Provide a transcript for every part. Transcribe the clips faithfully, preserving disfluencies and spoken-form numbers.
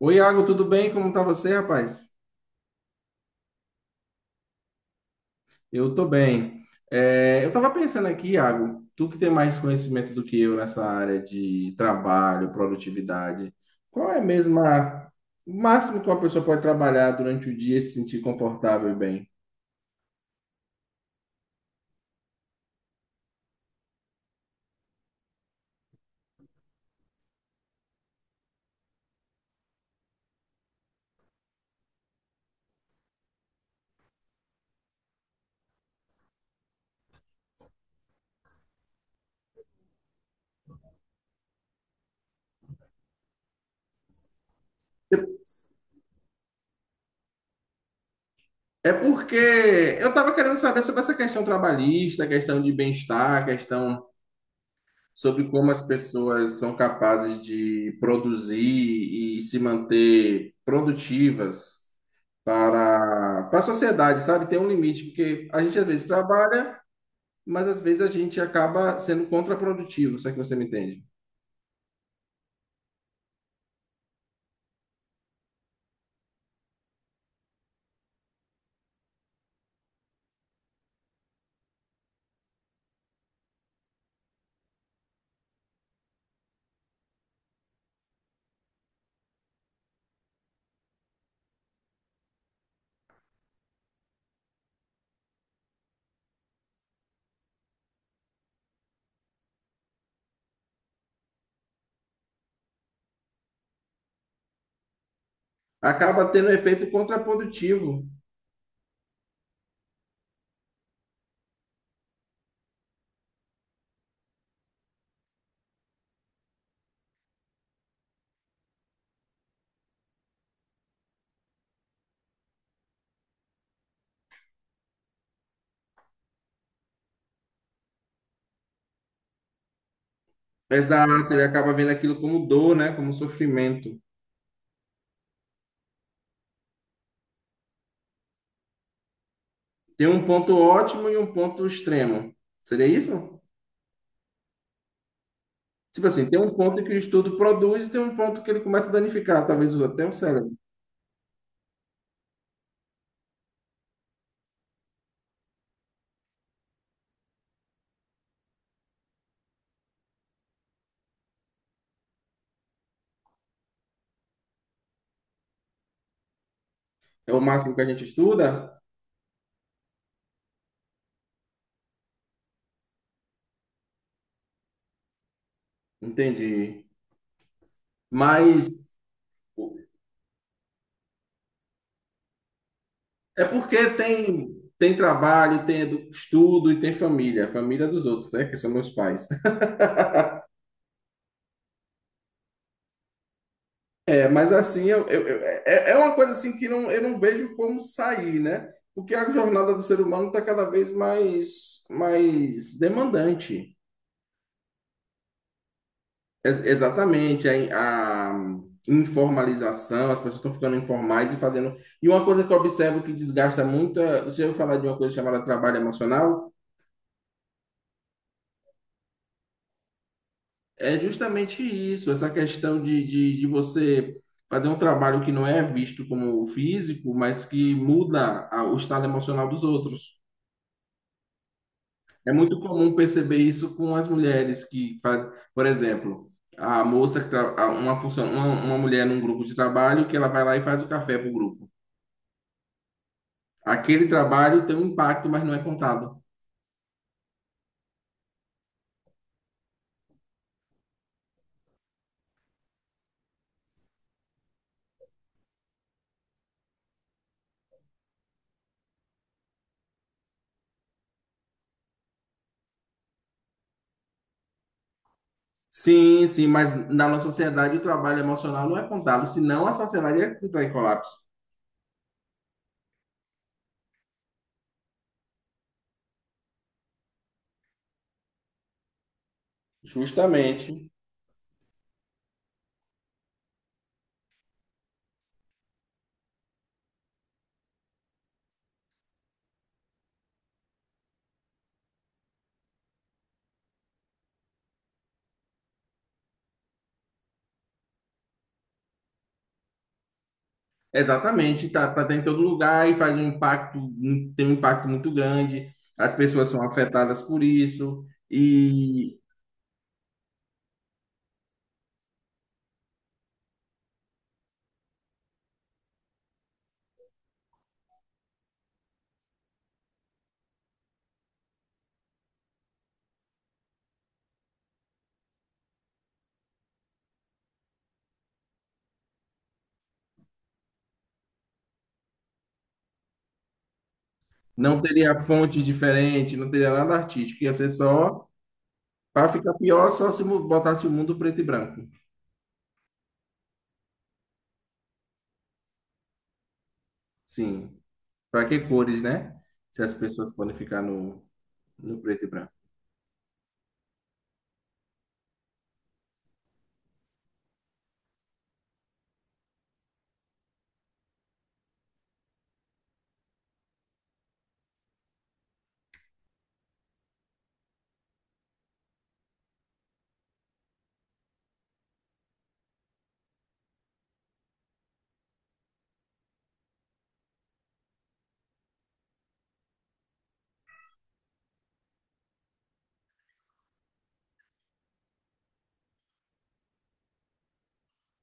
Oi, Iago, tudo bem? Como tá você, rapaz? Eu tô bem. É, eu tava pensando aqui, Iago, tu que tem mais conhecimento do que eu nessa área de trabalho, produtividade, qual é mesmo a- o máximo que uma pessoa pode trabalhar durante o dia e se sentir confortável e bem? É porque eu tava querendo saber sobre essa questão trabalhista, questão de bem-estar, questão sobre como as pessoas são capazes de produzir e se manter produtivas para, para a sociedade, sabe? Tem um limite, porque a gente às vezes trabalha, mas às vezes a gente acaba sendo contraprodutivo, se é que você me entende. Acaba tendo um efeito contraprodutivo. Exato, ele acaba vendo aquilo como dor, né? Como sofrimento. Tem um ponto ótimo e um ponto extremo. Seria isso? Tipo assim, tem um ponto que o estudo produz e tem um ponto que ele começa a danificar, talvez até o cérebro. É o máximo que a gente estuda? Entendi. Mas é porque tem tem trabalho, tem edu- estudo e tem família, família dos outros, né, que são meus pais. É, mas assim, eu, eu- eu- é, é uma coisa assim que não, eu não vejo como sair, né? Porque a jornada do ser humano está cada vez mais mais demandante. Ex- Exatamente, a, a informalização, as pessoas estão ficando informais e fazendo. E uma coisa que eu observo que desgasta muito, é- você ouviu falar de uma coisa chamada trabalho emocional? É justamente isso, essa questão de, de, de você fazer um trabalho que não é visto como físico, mas que muda a- o estado emocional dos outros. É muito comum perceber isso com as mulheres que fazem, por exemplo. A moça que tra- a- uma função, uma, uma mulher num grupo de trabalho que ela vai lá e faz o café para o grupo. Aquele trabalho tem um impacto, mas não é contado. Sim, sim, mas na nossa sociedade o trabalho emocional não é contado, senão a sociedade é que em colapso. Justamente. Exatamente, tá, tá tá em todo lugar e faz um impacto, um- tem um impacto muito grande. As pessoas são afetadas por isso e não teria fonte diferente, não teria nada artístico, ia ser só para ficar pior só se mu- botasse o mundo preto e branco. Sim, para que cores, né? Se as pessoas podem ficar no, no preto e branco.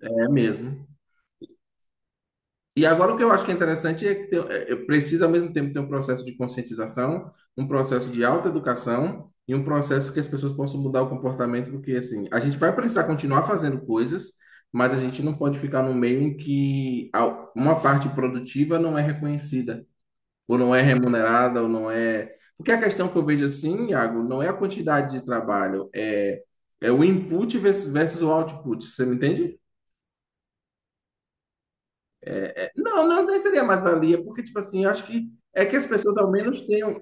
É mesmo. E agora o que eu acho que é interessante é que tem- é- é- precisa ao mesmo tempo ter um processo de conscientização, um processo de autoeducação e um processo que as pessoas possam mudar o comportamento, porque assim, a gente vai precisar continuar fazendo coisas, mas a gente não pode ficar no meio em que a- uma parte produtiva não é reconhecida, ou não é remunerada, ou não é. Porque a questão que eu vejo assim, Iago, não é a quantidade de trabalho, é, é o input versus, versus o output, você me entende? Não, não tem- seria mais-valia, porque, tipo assim, eu acho que é que as pessoas ao menos tenham,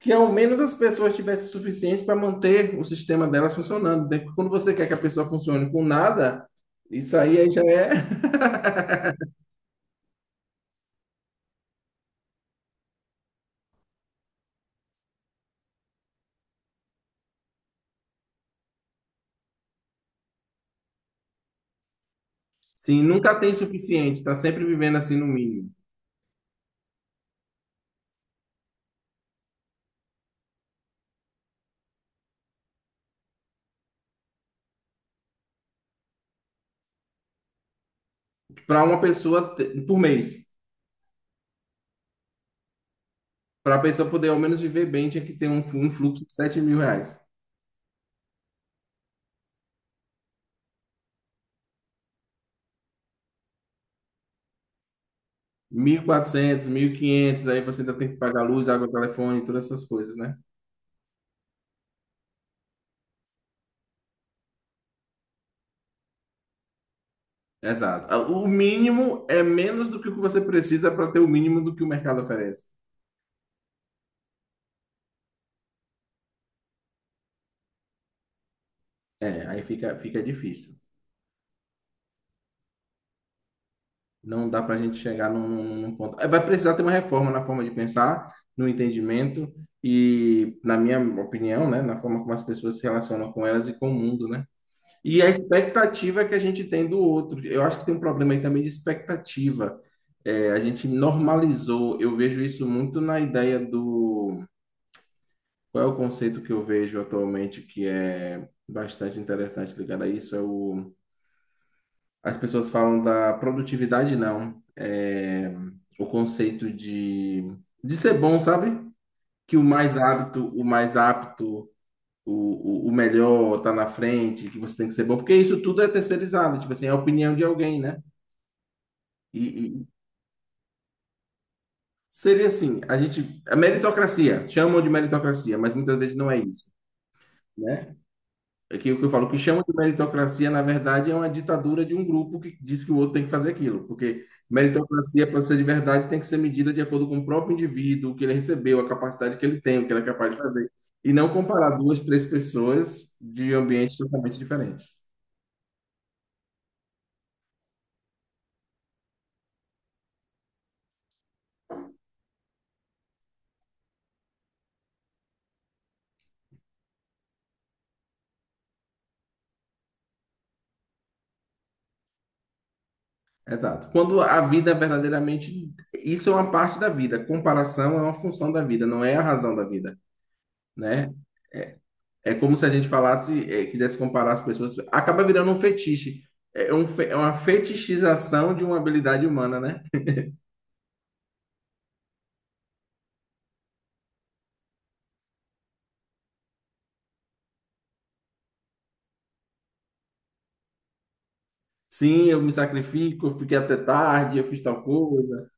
que ao menos as pessoas tivessem o suficiente para manter o sistema delas funcionando, né? Porque quando você quer que a pessoa funcione com nada, isso aí, aí já é. Sim, nunca tem suficiente, tá sempre vivendo assim no mínimo. Para uma pessoa te- por mês, para a pessoa poder ao menos viver bem, tinha que ter um, fu- um fluxo de sete mil reais. mil e quatrocentos, quinhentos, aí você ainda tem que pagar luz, água, telefone, todas essas coisas, né? Exato. Ah, o mínimo é menos do que o que você precisa para ter o mínimo do que o mercado oferece. É, aí fica, fica difícil. Não dá para a gente chegar num, num- num ponto. É, vai precisar ter uma reforma na forma de pensar, no entendimento e, na minha opinião, né, na forma como as pessoas se relacionam com elas e com o mundo, né? E a expectativa que a gente tem do outro. Eu acho que tem um problema aí também de expectativa. É, a gente normalizou. Eu vejo isso muito na ideia do. Qual é o conceito que eu vejo atualmente que é bastante interessante ligado a isso? É o... As pessoas falam da produtividade, não. É o conceito de, de ser bom, sabe? Que o mais hábito, o mais apto, o, o, o melhor tá na frente, que você tem que ser bom. Porque isso tudo é terceirizado, tipo assim, é a opinião de alguém, né? E, e seria assim, a gente... A meritocracia, chamam de meritocracia, mas muitas vezes não é isso. Né? É que o que eu falo, o que chama de meritocracia, na verdade, é uma ditadura de um grupo que diz que o outro tem que fazer aquilo. Porque meritocracia, para ser de verdade, tem que ser medida de acordo com o próprio indivíduo, o que ele recebeu, a capacidade que ele tem, o que ele é capaz de fazer. E não comparar duas, três pessoas de ambientes totalmente diferentes. Exato. Quando a vida é verdadeiramente. Isso é uma parte da vida. Comparação é uma função da vida, não é a razão da vida, né? É, É como se a gente falasse, é, quisesse comparar as pessoas. Acaba virando um fetiche. É, um, fe- é uma fetichização de uma habilidade humana, né? Sim, eu me sacrifico, eu fiquei até tarde, eu fiz tal coisa.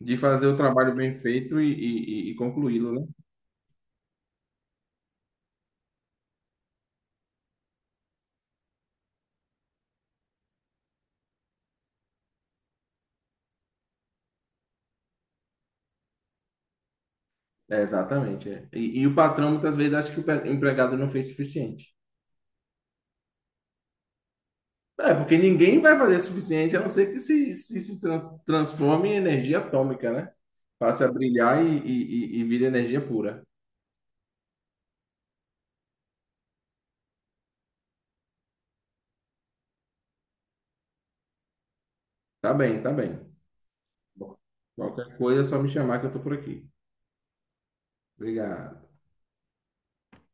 De fazer o trabalho bem feito e, e- e- e concluí-lo, né? É, exatamente. É. E, e o patrão muitas vezes acha que o pe- empregado não fez o suficiente. É, porque ninguém vai fazer o suficiente, a não ser que se, se, se trans- transforme em energia atômica, né? Passe a brilhar e, e, e e vire energia pura. Tá bem, tá bem. Bom, qualquer coisa é só me chamar que eu tô por aqui. Obrigado.